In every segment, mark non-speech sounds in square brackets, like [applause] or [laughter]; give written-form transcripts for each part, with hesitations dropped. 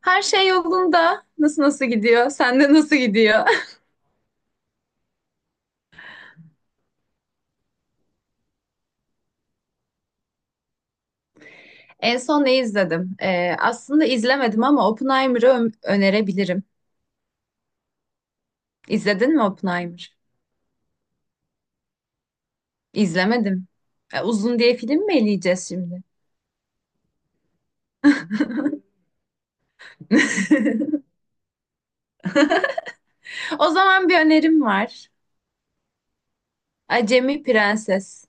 Her şey yolunda. Nasıl gidiyor? Sende nasıl gidiyor? [laughs] En son ne izledim? Aslında izlemedim ama Oppenheimer'ı önerebilirim. İzledin mi Oppenheimer? İzlemedim. E, uzun diye film mi eleyeceğiz şimdi? [laughs] O zaman bir önerim var. Acemi Prenses.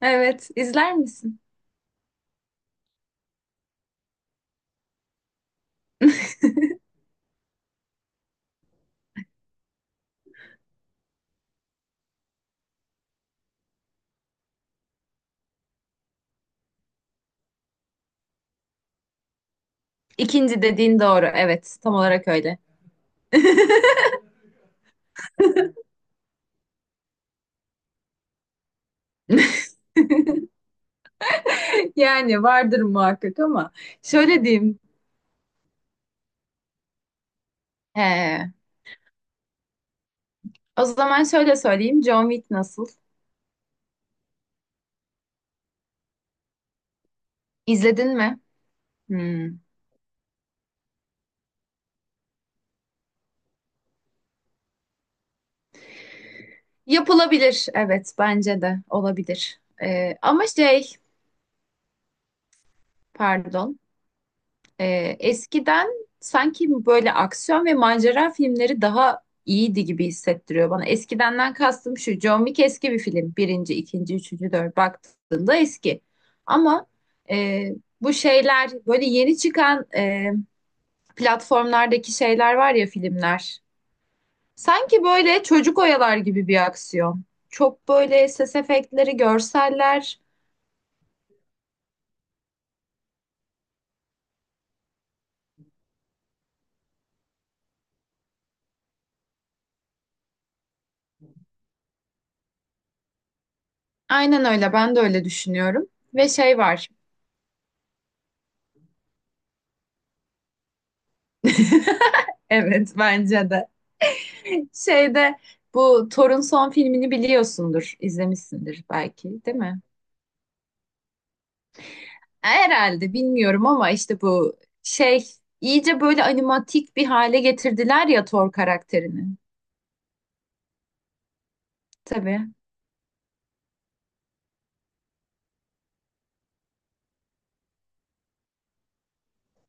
Evet, izler misin? İkinci dediğin doğru. Evet, tam olarak öyle. [laughs] Yani vardır muhakkak ama şöyle diyeyim. He. O zaman şöyle söyleyeyim. John Wick nasıl? İzledin mi? Hmm. Yapılabilir. Evet, bence de olabilir. Ama şey, pardon. Eskiden sanki böyle aksiyon ve macera filmleri daha iyiydi gibi hissettiriyor bana. Eskidenden kastım şu. John Wick eski bir film. Birinci, ikinci, üçüncü, dört baktığında eski. Ama e, bu şeyler böyle yeni çıkan platformlardaki şeyler var ya filmler. Sanki böyle çocuk oyalar gibi bir aksiyon. Çok böyle ses efektleri, görseller. Aynen öyle. Ben de öyle düşünüyorum. Ve şey var. [laughs] Evet, bence de. Şeyde bu Thor'un son filmini biliyorsundur, izlemişsindir belki, değil mi? E, herhalde bilmiyorum ama işte bu şey iyice böyle animatik bir hale getirdiler ya Thor karakterini. Tabii.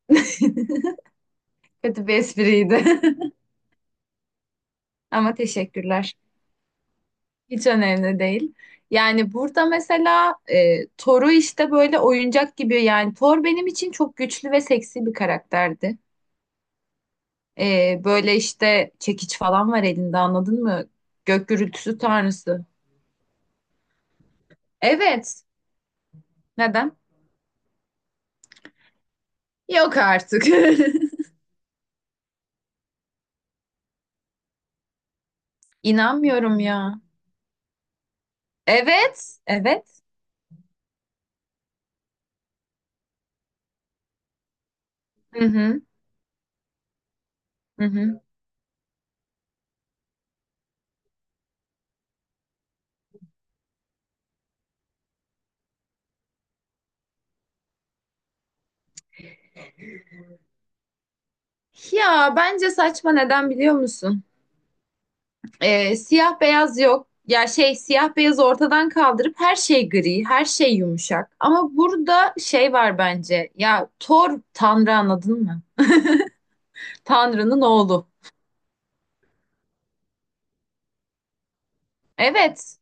[laughs] Kötü bir espriydi. [laughs] Ama teşekkürler. Hiç önemli değil. Yani burada mesela Thor'u işte böyle oyuncak gibi yani Thor benim için çok güçlü ve seksi bir karakterdi. E, böyle işte çekiç falan var elinde anladın mı? Gök gürültüsü tanrısı. Evet. Neden? Yok artık. [laughs] İnanmıyorum ya. Evet, evet. Hı hı, hı hı. Ya bence saçma neden biliyor musun? Siyah beyaz yok. Ya şey siyah beyaz ortadan kaldırıp her şey gri, her şey yumuşak. Ama burada şey var bence. Ya Thor Tanrı anladın mı? Tanrı'nın oğlu. Evet,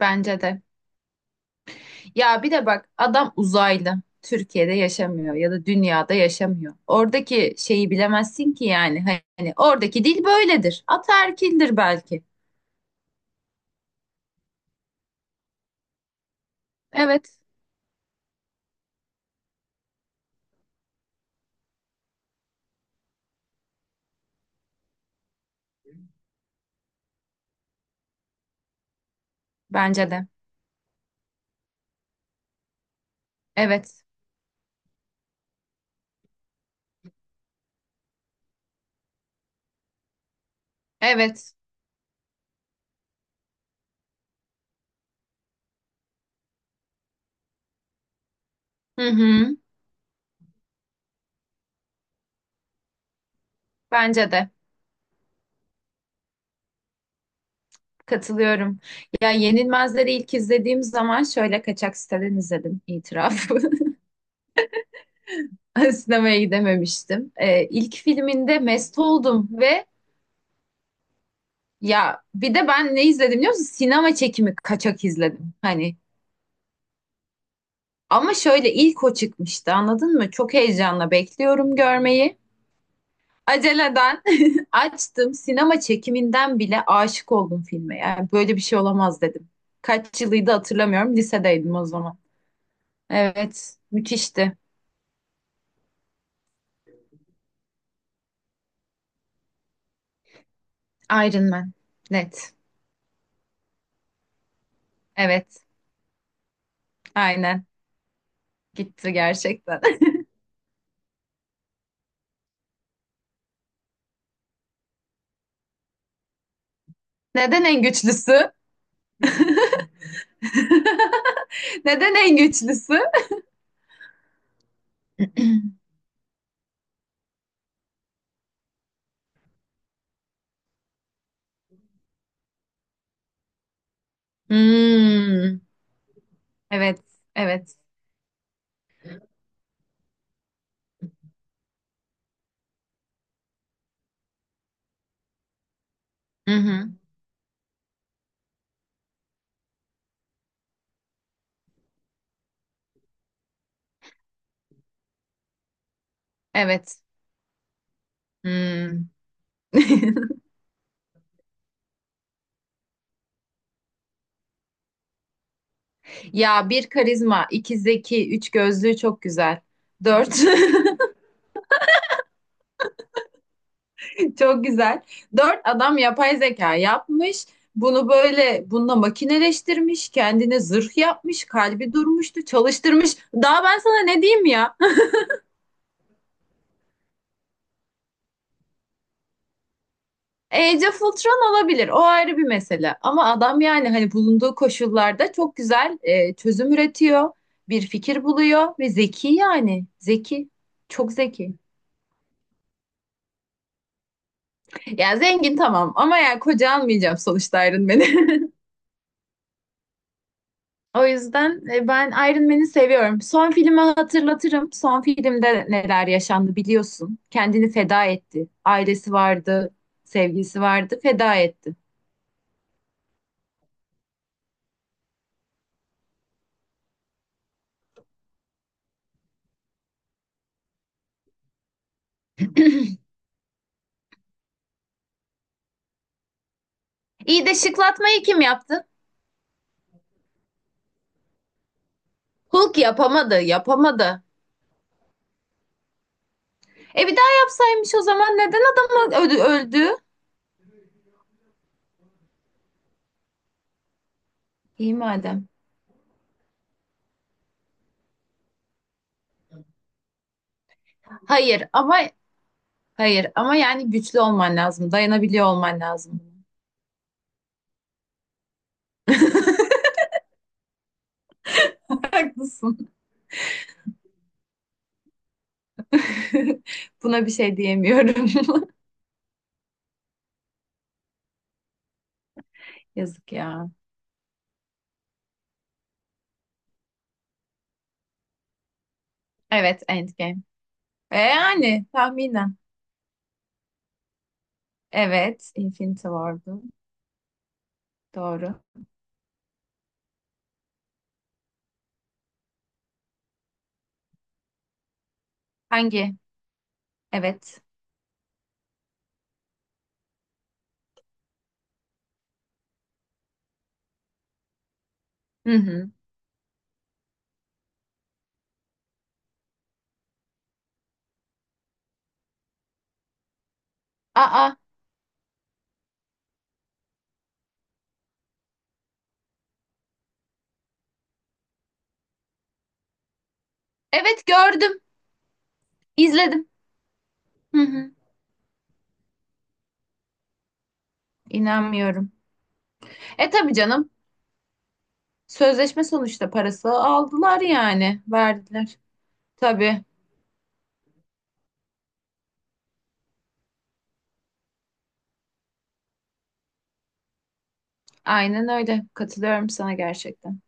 bence de. Ya bir de bak adam uzaylı. Türkiye'de yaşamıyor ya da dünyada yaşamıyor. Oradaki şeyi bilemezsin ki yani. Hani oradaki dil böyledir. Ataerkildir belki. Evet. Bence de. Evet. Evet. Hı hı. Bence de. Katılıyorum. Ya Yenilmezleri ilk izlediğim zaman şöyle kaçak siteden izledim itiraf. [laughs] Sinemaya gidememiştim. İlk filminde mest oldum ve ya bir de ben ne izledim biliyor musun? Sinema çekimi kaçak izledim. Hani ama şöyle ilk o çıkmıştı anladın mı? Çok heyecanla bekliyorum görmeyi. Aceleden [laughs] açtım. Sinema çekiminden bile aşık oldum filme. Yani böyle bir şey olamaz dedim. Kaç yılıydı hatırlamıyorum. Lisedeydim o zaman. Evet, müthişti. Iron Man. Net. Evet, aynen. Gitti gerçekten. [laughs] Neden en güçlüsü? [laughs] Neden en güçlüsü? Hmm. Evet, evet. Hı hı. Evet. Hmm. [laughs] Ya bir karizma, iki zeki, üç gözlüğü çok güzel. Dört. [laughs] Çok güzel. Dört adam yapay zeka yapmış. Bunu böyle bununla makineleştirmiş. Kendine zırh yapmış. Kalbi durmuştu. Çalıştırmış. Daha ben sana ne diyeyim ya? [laughs] Age of Ultron olabilir. O ayrı bir mesele. Ama adam yani hani bulunduğu koşullarda çok güzel çözüm üretiyor. Bir fikir buluyor ve zeki yani. Zeki. Çok zeki. Ya zengin tamam ama ya koca almayacağım sonuçta Iron Man'i. [laughs] O yüzden ben Iron Man'i seviyorum. Son filmi hatırlatırım. Son filmde neler yaşandı biliyorsun. Kendini feda etti. Ailesi vardı, sevgilisi vardı, feda etti. [clears throat] İyi de şıklatmayı kim yaptı? Hulk yapamadı, yapamadı. E bir daha yapsaymış o zaman neden adamı öldü, öldü? İyi madem. Hayır ama hayır ama yani güçlü olman lazım, dayanabiliyor olman lazım. [laughs] Haklısın. [laughs] Buna bir şey diyemiyorum. [laughs] Yazık ya. Evet, Endgame. E yani tahminen. Evet, Infinity War'du. Doğru. Hangi? Evet. Hı hı. Aa, evet gördüm. İzledim. Hı hı. İnanmıyorum. E tabii canım. Sözleşme sonuçta parası aldılar yani. Verdiler. Tabii. Aynen öyle. Katılıyorum sana gerçekten.